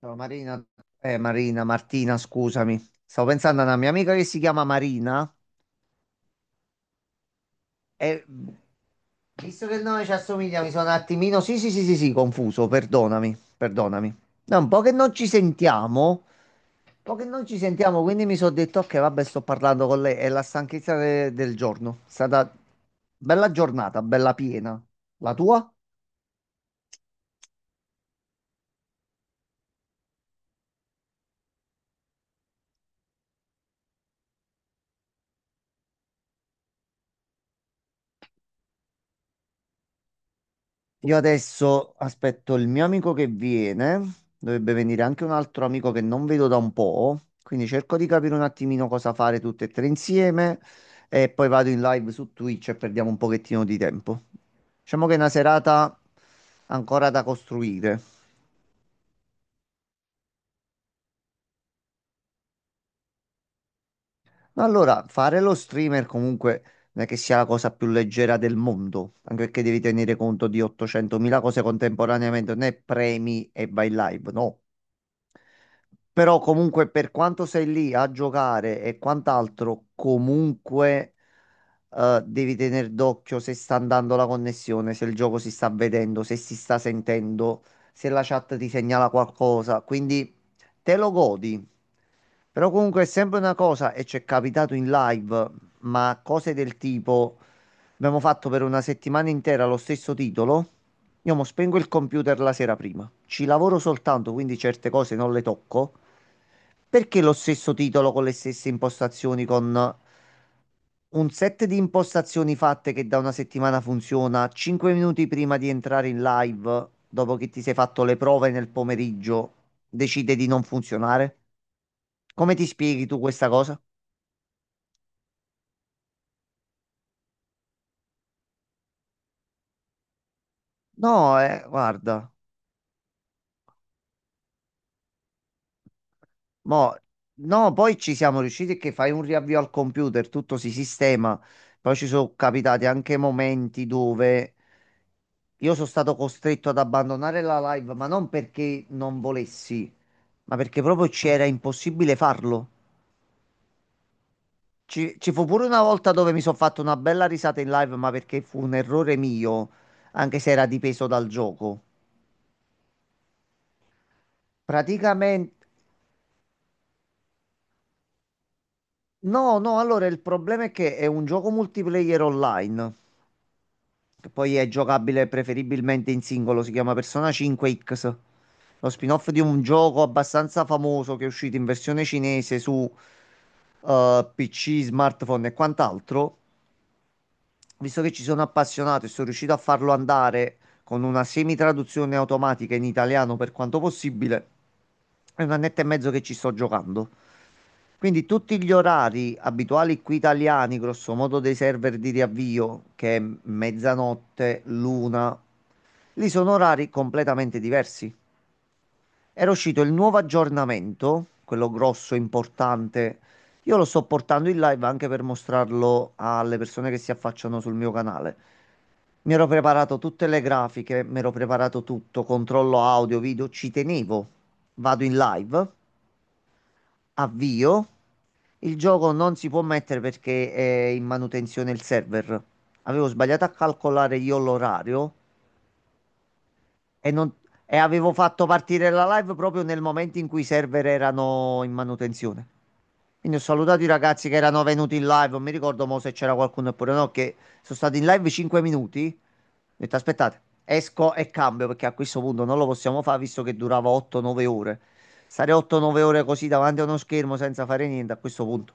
Ciao Marina, Marina, Martina, scusami. Stavo pensando a una mia amica che si chiama Marina e visto che il nome ci assomiglia, mi sono un attimino. Sì, sì, sì, sì, sì, confuso, perdonami, perdonami. No, un po' che non ci sentiamo, un po' che non ci sentiamo, quindi mi sono detto che vabbè, sto parlando con lei. È la stanchezza del giorno. È stata bella giornata, bella piena. La tua? Io adesso aspetto il mio amico che viene, dovrebbe venire anche un altro amico che non vedo da un po', quindi cerco di capire un attimino cosa fare tutte e tre insieme e poi vado in live su Twitch e perdiamo un pochettino di tempo. Diciamo che è una serata ancora da costruire. No, allora, fare lo streamer comunque non è che sia la cosa più leggera del mondo, anche perché devi tenere conto di 800.000 cose contemporaneamente, non è premi e vai in live, no. Però comunque per quanto sei lì a giocare e quant'altro, comunque devi tenere d'occhio se sta andando la connessione, se il gioco si sta vedendo, se si sta sentendo, se la chat ti segnala qualcosa. Quindi te lo godi. Però comunque è sempre una cosa, e ci è capitato in live, ma cose del tipo. Abbiamo fatto per una settimana intera lo stesso titolo. Io mo spengo il computer la sera prima. Ci lavoro soltanto, quindi certe cose non le tocco. Perché lo stesso titolo con le stesse impostazioni, con un set di impostazioni fatte che da una settimana funziona, 5 minuti prima di entrare in live, dopo che ti sei fatto le prove nel pomeriggio, decide di non funzionare? Come ti spieghi tu questa cosa? No, guarda. Mo- no, poi ci siamo riusciti che fai un riavvio al computer, tutto si sistema. Poi ci sono capitati anche momenti dove io sono stato costretto ad abbandonare la live, ma non perché non volessi, ma perché proprio c'era impossibile farlo. Ci fu pure una volta dove mi sono fatto una bella risata in live, ma perché fu un errore mio, anche se era dipeso dal gioco. Praticamente, no, no, allora il problema è che è un gioco multiplayer online, che poi è giocabile preferibilmente in singolo, si chiama Persona 5X, lo spin-off di un gioco abbastanza famoso che è uscito in versione cinese su PC, smartphone e quant'altro. Visto che ci sono appassionato e sono riuscito a farlo andare con una semi-traduzione automatica in italiano per quanto possibile, è un annetto e mezzo che ci sto giocando. Quindi tutti gli orari abituali qui italiani, grosso modo dei server di riavvio, che è mezzanotte, l'una, lì sono orari completamente diversi. Era uscito il nuovo aggiornamento, quello grosso, importante. Io lo sto portando in live anche per mostrarlo alle persone che si affacciano sul mio canale. Mi ero preparato tutte le grafiche, mi ero preparato tutto, controllo audio, video, ci tenevo. Vado in live. Avvio. Il gioco non si può mettere perché è in manutenzione il server. Avevo sbagliato a calcolare io l'orario e, non- e avevo fatto partire la live proprio nel momento in cui i server erano in manutenzione. Quindi ho salutato i ragazzi che erano venuti in live. Non mi ricordo mo se c'era qualcuno oppure no, che sono stati in live 5 minuti. Ho detto aspettate, esco e cambio perché a questo punto non lo possiamo fare visto che durava 8-9 ore. Stare 8-9 ore così davanti a uno schermo senza fare niente a questo punto.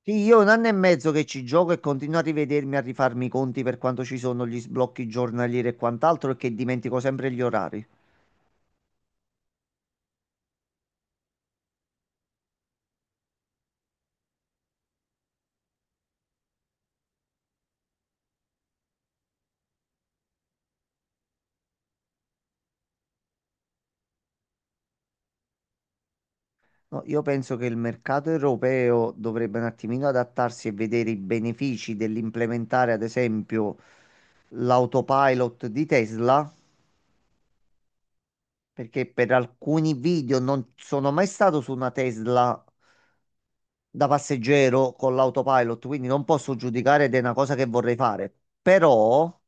Sì, io è un anno e mezzo che ci gioco e continuo a rivedermi, a rifarmi i conti per quanto ci sono gli sblocchi giornalieri e quant'altro e che dimentico sempre gli orari. No, io penso che il mercato europeo dovrebbe un attimino adattarsi e vedere i benefici dell'implementare, ad esempio, l'autopilot di Tesla, perché per alcuni video non sono mai stato su una Tesla da passeggero con l'autopilot, quindi non posso giudicare ed è una cosa che vorrei fare. Però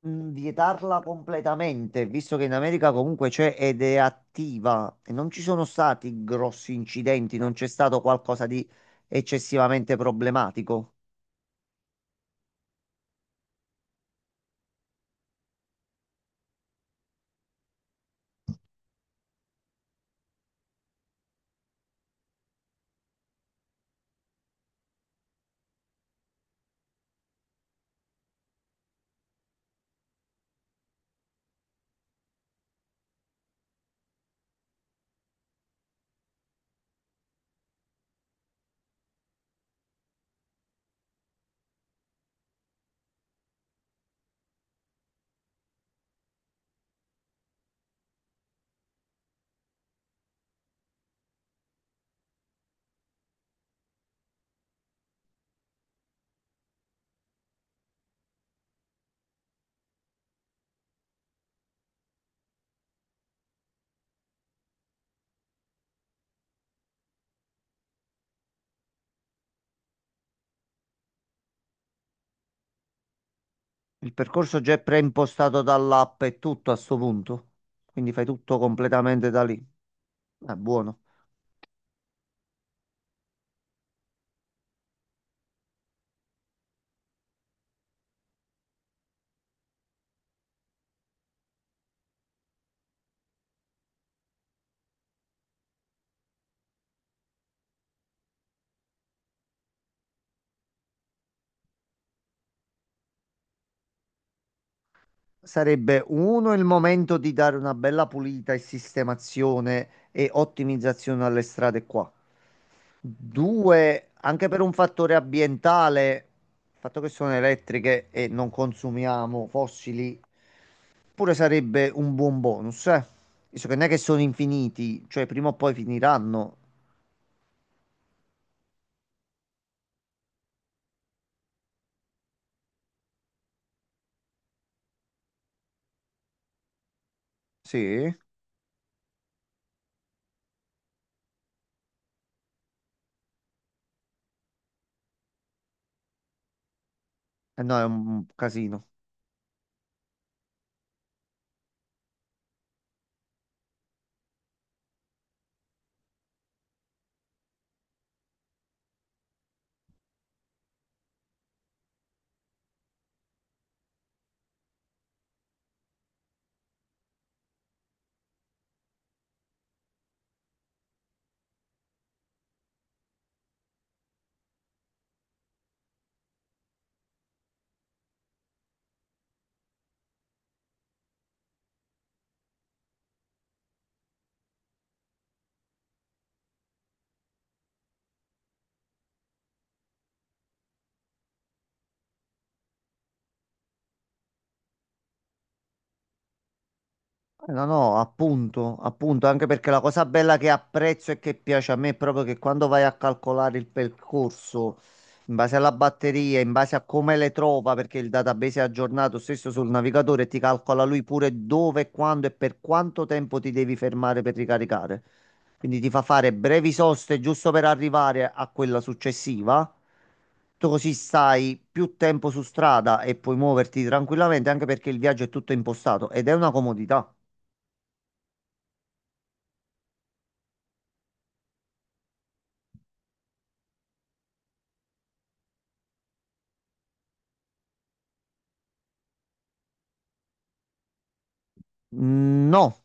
vietarla completamente, visto che in America comunque c'è ed è attiva e non ci sono stati grossi incidenti, non c'è stato qualcosa di eccessivamente problematico. Il percorso già è preimpostato dall'app e tutto a sto punto, quindi fai tutto completamente da lì. È buono. Sarebbe uno il momento di dare una bella pulita e sistemazione e ottimizzazione alle strade qua. Due, anche per un fattore ambientale, il fatto che sono elettriche e non consumiamo fossili, pure sarebbe un buon bonus, eh. Visto che non è che sono infiniti, cioè prima o poi finiranno. Sì, e no, è un casino. No, no, appunto, appunto, anche perché la cosa bella che apprezzo e che piace a me è proprio che quando vai a calcolare il percorso in base alla batteria, in base a come le trova, perché il database è aggiornato stesso sul navigatore, ti calcola lui pure dove, quando e per quanto tempo ti devi fermare per ricaricare. Quindi ti fa fare brevi soste giusto per arrivare a quella successiva. Tu così stai più tempo su strada e puoi muoverti tranquillamente, anche perché il viaggio è tutto impostato ed è una comodità. Mm. No.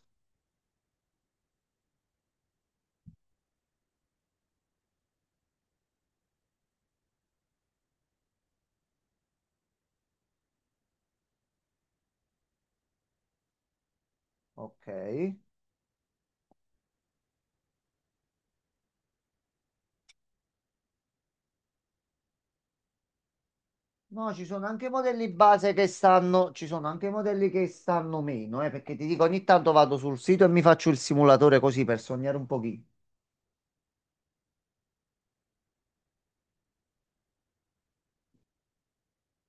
Ok. No, ci sono anche modelli base che stanno, ci sono anche modelli che stanno meno, perché ti dico, ogni tanto vado sul sito e mi faccio il simulatore così per sognare un pochino.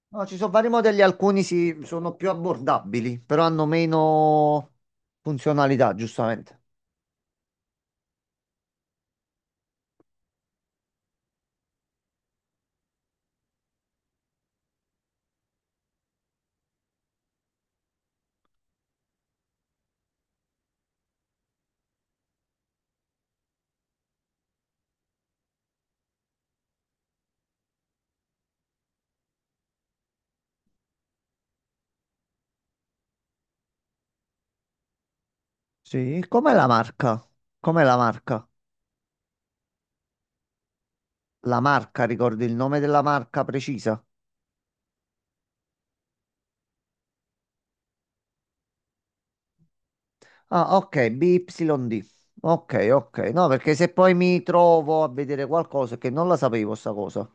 No, ci sono vari modelli, alcuni sono più abbordabili, però hanno meno funzionalità, giustamente. Sì. Com'è la marca? Com'è la marca? La marca, ricordi il nome della marca precisa? Ah, ok, BYD. Ok, ok. No, perché se poi mi trovo a vedere qualcosa che non la sapevo sta cosa.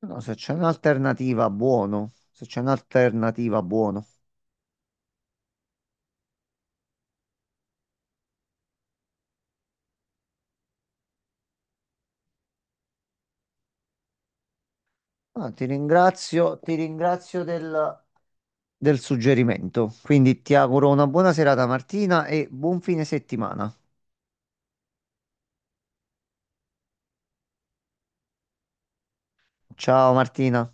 No, se c'è un'alternativa, buono. Se c'è un'alternativa, buono. Ah, ti ringrazio del, del suggerimento. Quindi ti auguro una buona serata, Martina, e buon fine settimana. Ciao, Martina.